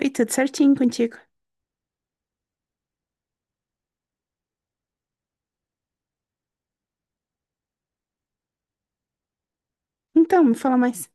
Oi, tudo certinho contigo? Então, me fala mais.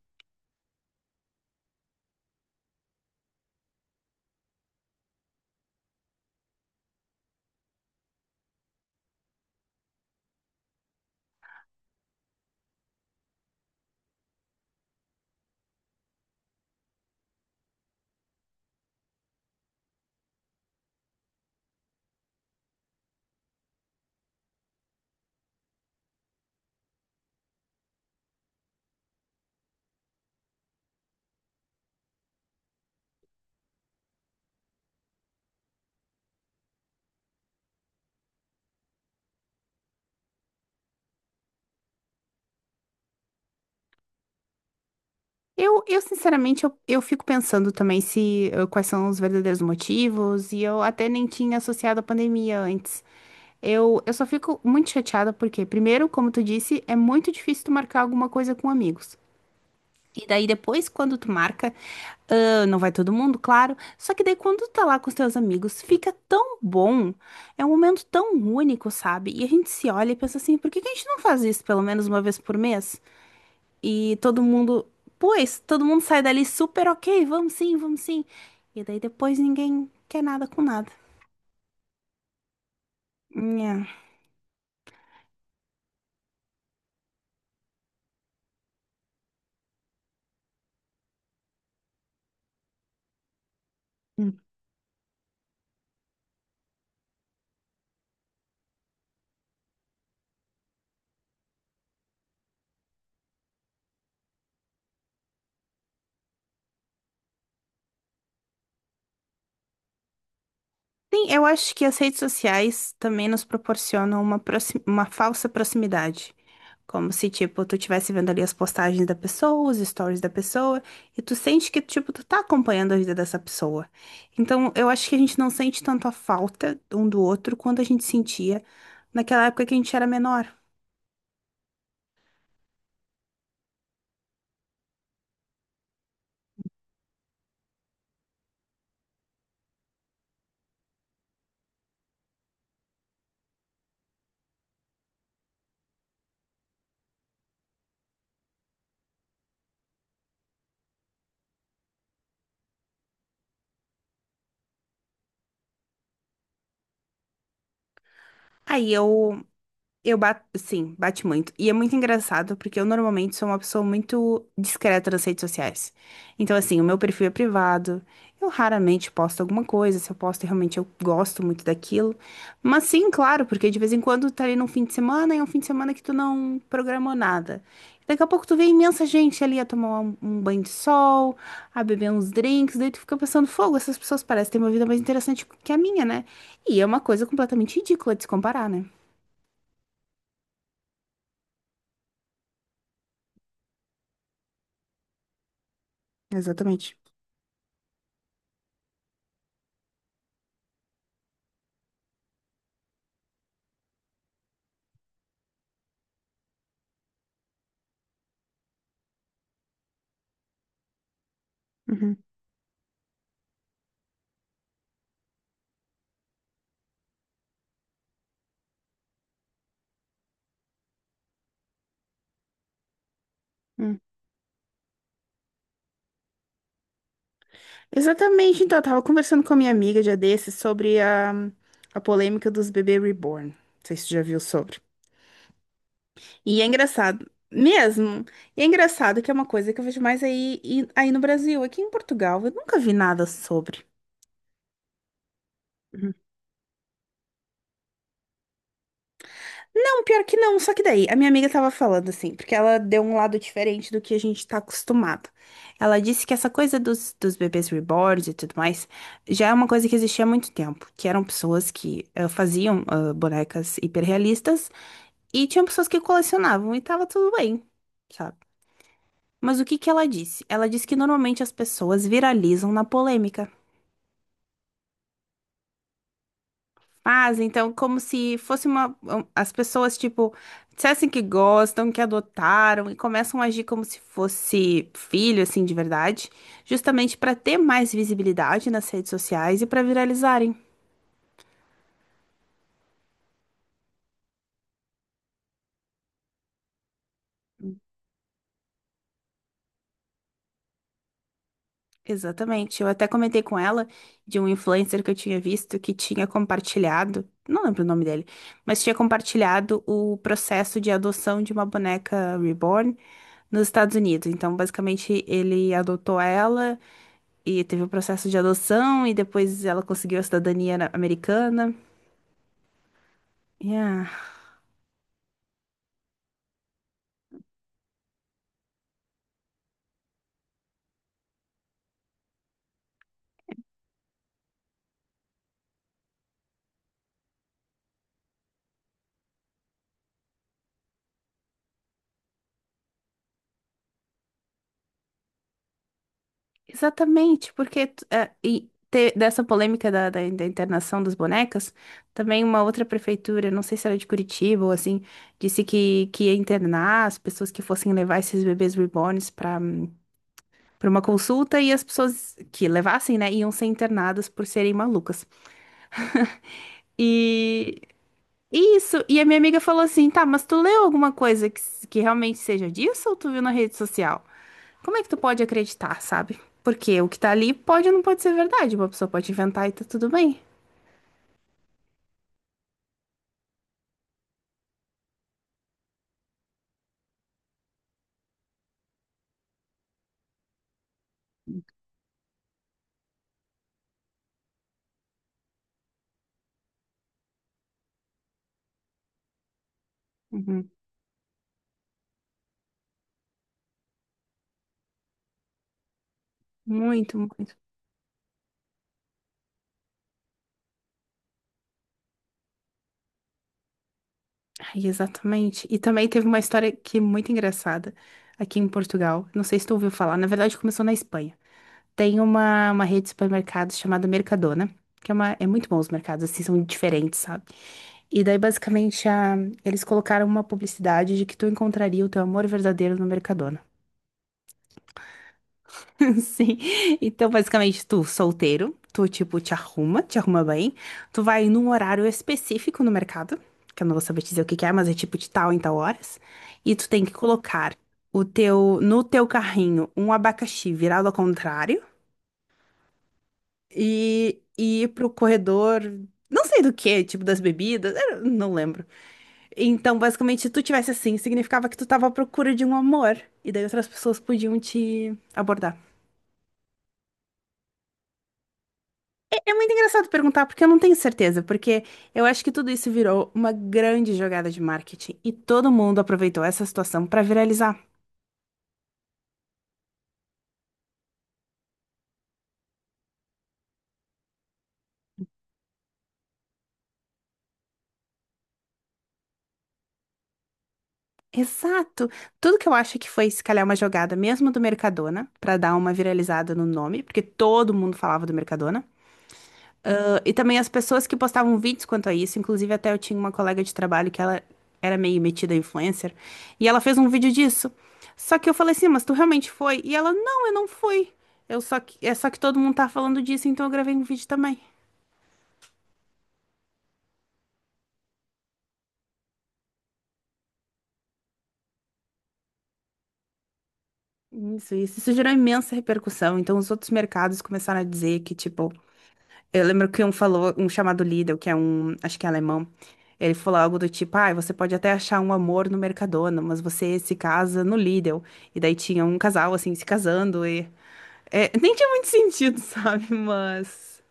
Eu sinceramente, eu fico pensando também se quais são os verdadeiros motivos, e eu até nem tinha associado a pandemia antes. Eu só fico muito chateada porque, primeiro, como tu disse, é muito difícil tu marcar alguma coisa com amigos. E daí depois, quando tu marca, ah, não vai todo mundo, claro. Só que daí quando tu tá lá com os teus amigos, fica tão bom. É um momento tão único, sabe? E a gente se olha e pensa assim, por que que a gente não faz isso pelo menos uma vez por mês? E todo mundo, pois, todo mundo sai dali super ok, vamos sim, vamos sim. E daí depois ninguém quer nada com nada. Nhã. Sim, eu acho que as redes sociais também nos proporcionam uma, uma falsa proximidade. Como se, tipo, tu estivesse vendo ali as postagens da pessoa, os stories da pessoa, e tu sente que, tipo, tu tá acompanhando a vida dessa pessoa. Então, eu acho que a gente não sente tanto a falta um do outro quanto a gente sentia naquela época que a gente era menor. Aí eu bato, sim, bate muito. E é muito engraçado porque eu normalmente sou uma pessoa muito discreta nas redes sociais. Então, assim, o meu perfil é privado. Eu raramente posto alguma coisa. Se eu posto, realmente eu gosto muito daquilo. Mas sim, claro, porque de vez em quando tá ali num fim de semana e é um fim de semana que tu não programou nada. Daqui a pouco tu vê imensa gente ali a tomar um banho de sol, a beber uns drinks, daí tu fica pensando, fogo, essas pessoas parecem ter uma vida mais interessante que a minha, né? E é uma coisa completamente ridícula de se comparar, né? Exatamente. Uhum, uhum. Exatamente, então, eu tava conversando com a minha amiga dia desses sobre a polêmica dos bebês reborn. Não sei se você já viu sobre. E é engraçado, mesmo, e é engraçado que é uma coisa que eu vejo mais aí, aí no Brasil. Aqui em Portugal, eu nunca vi nada sobre. Não, pior que não. Só que daí, a minha amiga tava falando assim, porque ela deu um lado diferente do que a gente tá acostumado. Ela disse que essa coisa dos bebês reborns e tudo mais já é uma coisa que existia há muito tempo, que eram pessoas que faziam ah, bonecas hiperrealistas e tinham pessoas que colecionavam e tava tudo bem, sabe? Mas o que que ela disse? Ela disse que normalmente as pessoas viralizam na polêmica. Mas então, como se fosse uma. Um, As pessoas, tipo, dissessem que gostam, que adotaram e começam a agir como se fosse filho, assim, de verdade, justamente para ter mais visibilidade nas redes sociais e para viralizarem. Exatamente. Eu até comentei com ela de um influencer que eu tinha visto que tinha compartilhado, não lembro o nome dele, mas tinha compartilhado o processo de adoção de uma boneca reborn nos Estados Unidos. Então, basicamente, ele adotou ela. E teve o processo de adoção, e depois ela conseguiu a cidadania americana. E, ah, exatamente, porque dessa polêmica da internação das bonecas, também uma outra prefeitura, não sei se era de Curitiba ou assim, disse que ia internar as pessoas que fossem levar esses bebês reborns para uma consulta, e as pessoas que levassem, né, iam ser internadas por serem malucas. E Isso, e a minha amiga falou assim: tá, mas tu leu alguma coisa que, que realmente seja disso ou tu viu na rede social? Como é que tu pode acreditar, sabe? Porque o que tá ali pode ou não pode ser verdade, uma pessoa pode inventar e tá tudo bem. Uhum. Muito, muito. Ai, exatamente. E também teve uma história que é muito engraçada aqui em Portugal. Não sei se tu ouviu falar, na verdade começou na Espanha. Tem uma rede de supermercados chamada Mercadona, que é, uma, é muito bom os mercados, assim, são diferentes, sabe? E daí, basicamente, eles colocaram uma publicidade de que tu encontraria o teu amor verdadeiro no Mercadona. Sim. Então, basicamente, tu solteiro, tu, tipo, te arruma bem, tu vai num horário específico no mercado, que eu não vou saber te dizer o que que é, mas é tipo de tal em tal horas, e tu tem que colocar o teu, no teu carrinho um abacaxi virado ao contrário, e ir pro corredor, não sei do que, tipo das bebidas, eu não lembro. Então, basicamente, se tu tivesse assim, significava que tu tava à procura de um amor, e daí outras pessoas podiam te abordar. É muito engraçado perguntar, porque eu não tenho certeza, porque eu acho que tudo isso virou uma grande jogada de marketing, e todo mundo aproveitou essa situação pra viralizar. Exato! Tudo que eu acho que foi, se calhar, uma jogada mesmo do Mercadona, pra dar uma viralizada no nome, porque todo mundo falava do Mercadona. Ah, e também as pessoas que postavam vídeos quanto a isso, inclusive até eu tinha uma colega de trabalho que ela era meio metida influencer, e ela fez um vídeo disso. Só que eu falei assim, mas tu realmente foi? E ela, não, eu não fui. É só que todo mundo tá falando disso, então eu gravei um vídeo também. Isso gerou imensa repercussão. Então os outros mercados começaram a dizer que, tipo, eu lembro que um falou, um chamado Lidl, que é um, acho que é alemão, ele falou algo do tipo, ah, você pode até achar um amor no Mercadona, mas você se casa no Lidl. E daí tinha um casal, assim, se casando e... é, nem tinha muito sentido, sabe? Mas...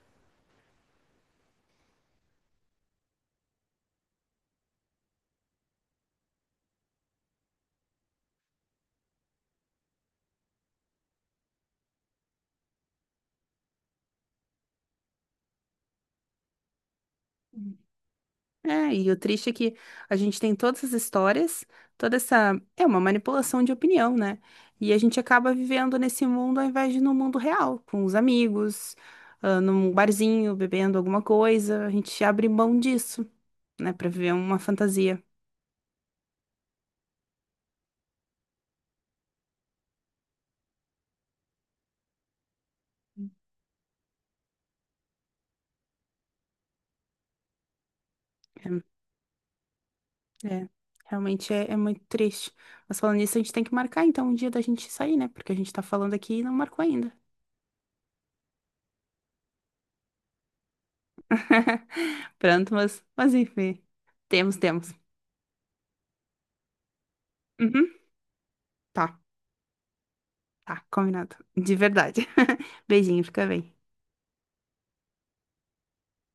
é, e o triste é que a gente tem todas as histórias, toda essa... É uma manipulação de opinião, né? E a gente acaba vivendo nesse mundo ao invés de no mundo real, com os amigos, ah, num barzinho, bebendo alguma coisa, a gente abre mão disso, né, para viver uma fantasia. É, é, realmente é muito triste. Mas falando nisso, a gente tem que marcar então um dia da gente sair, né? Porque a gente tá falando aqui e não marcou ainda. Pronto, mas enfim. Temos, temos. Uhum, tá, tá, combinado. De verdade. Beijinho, fica bem.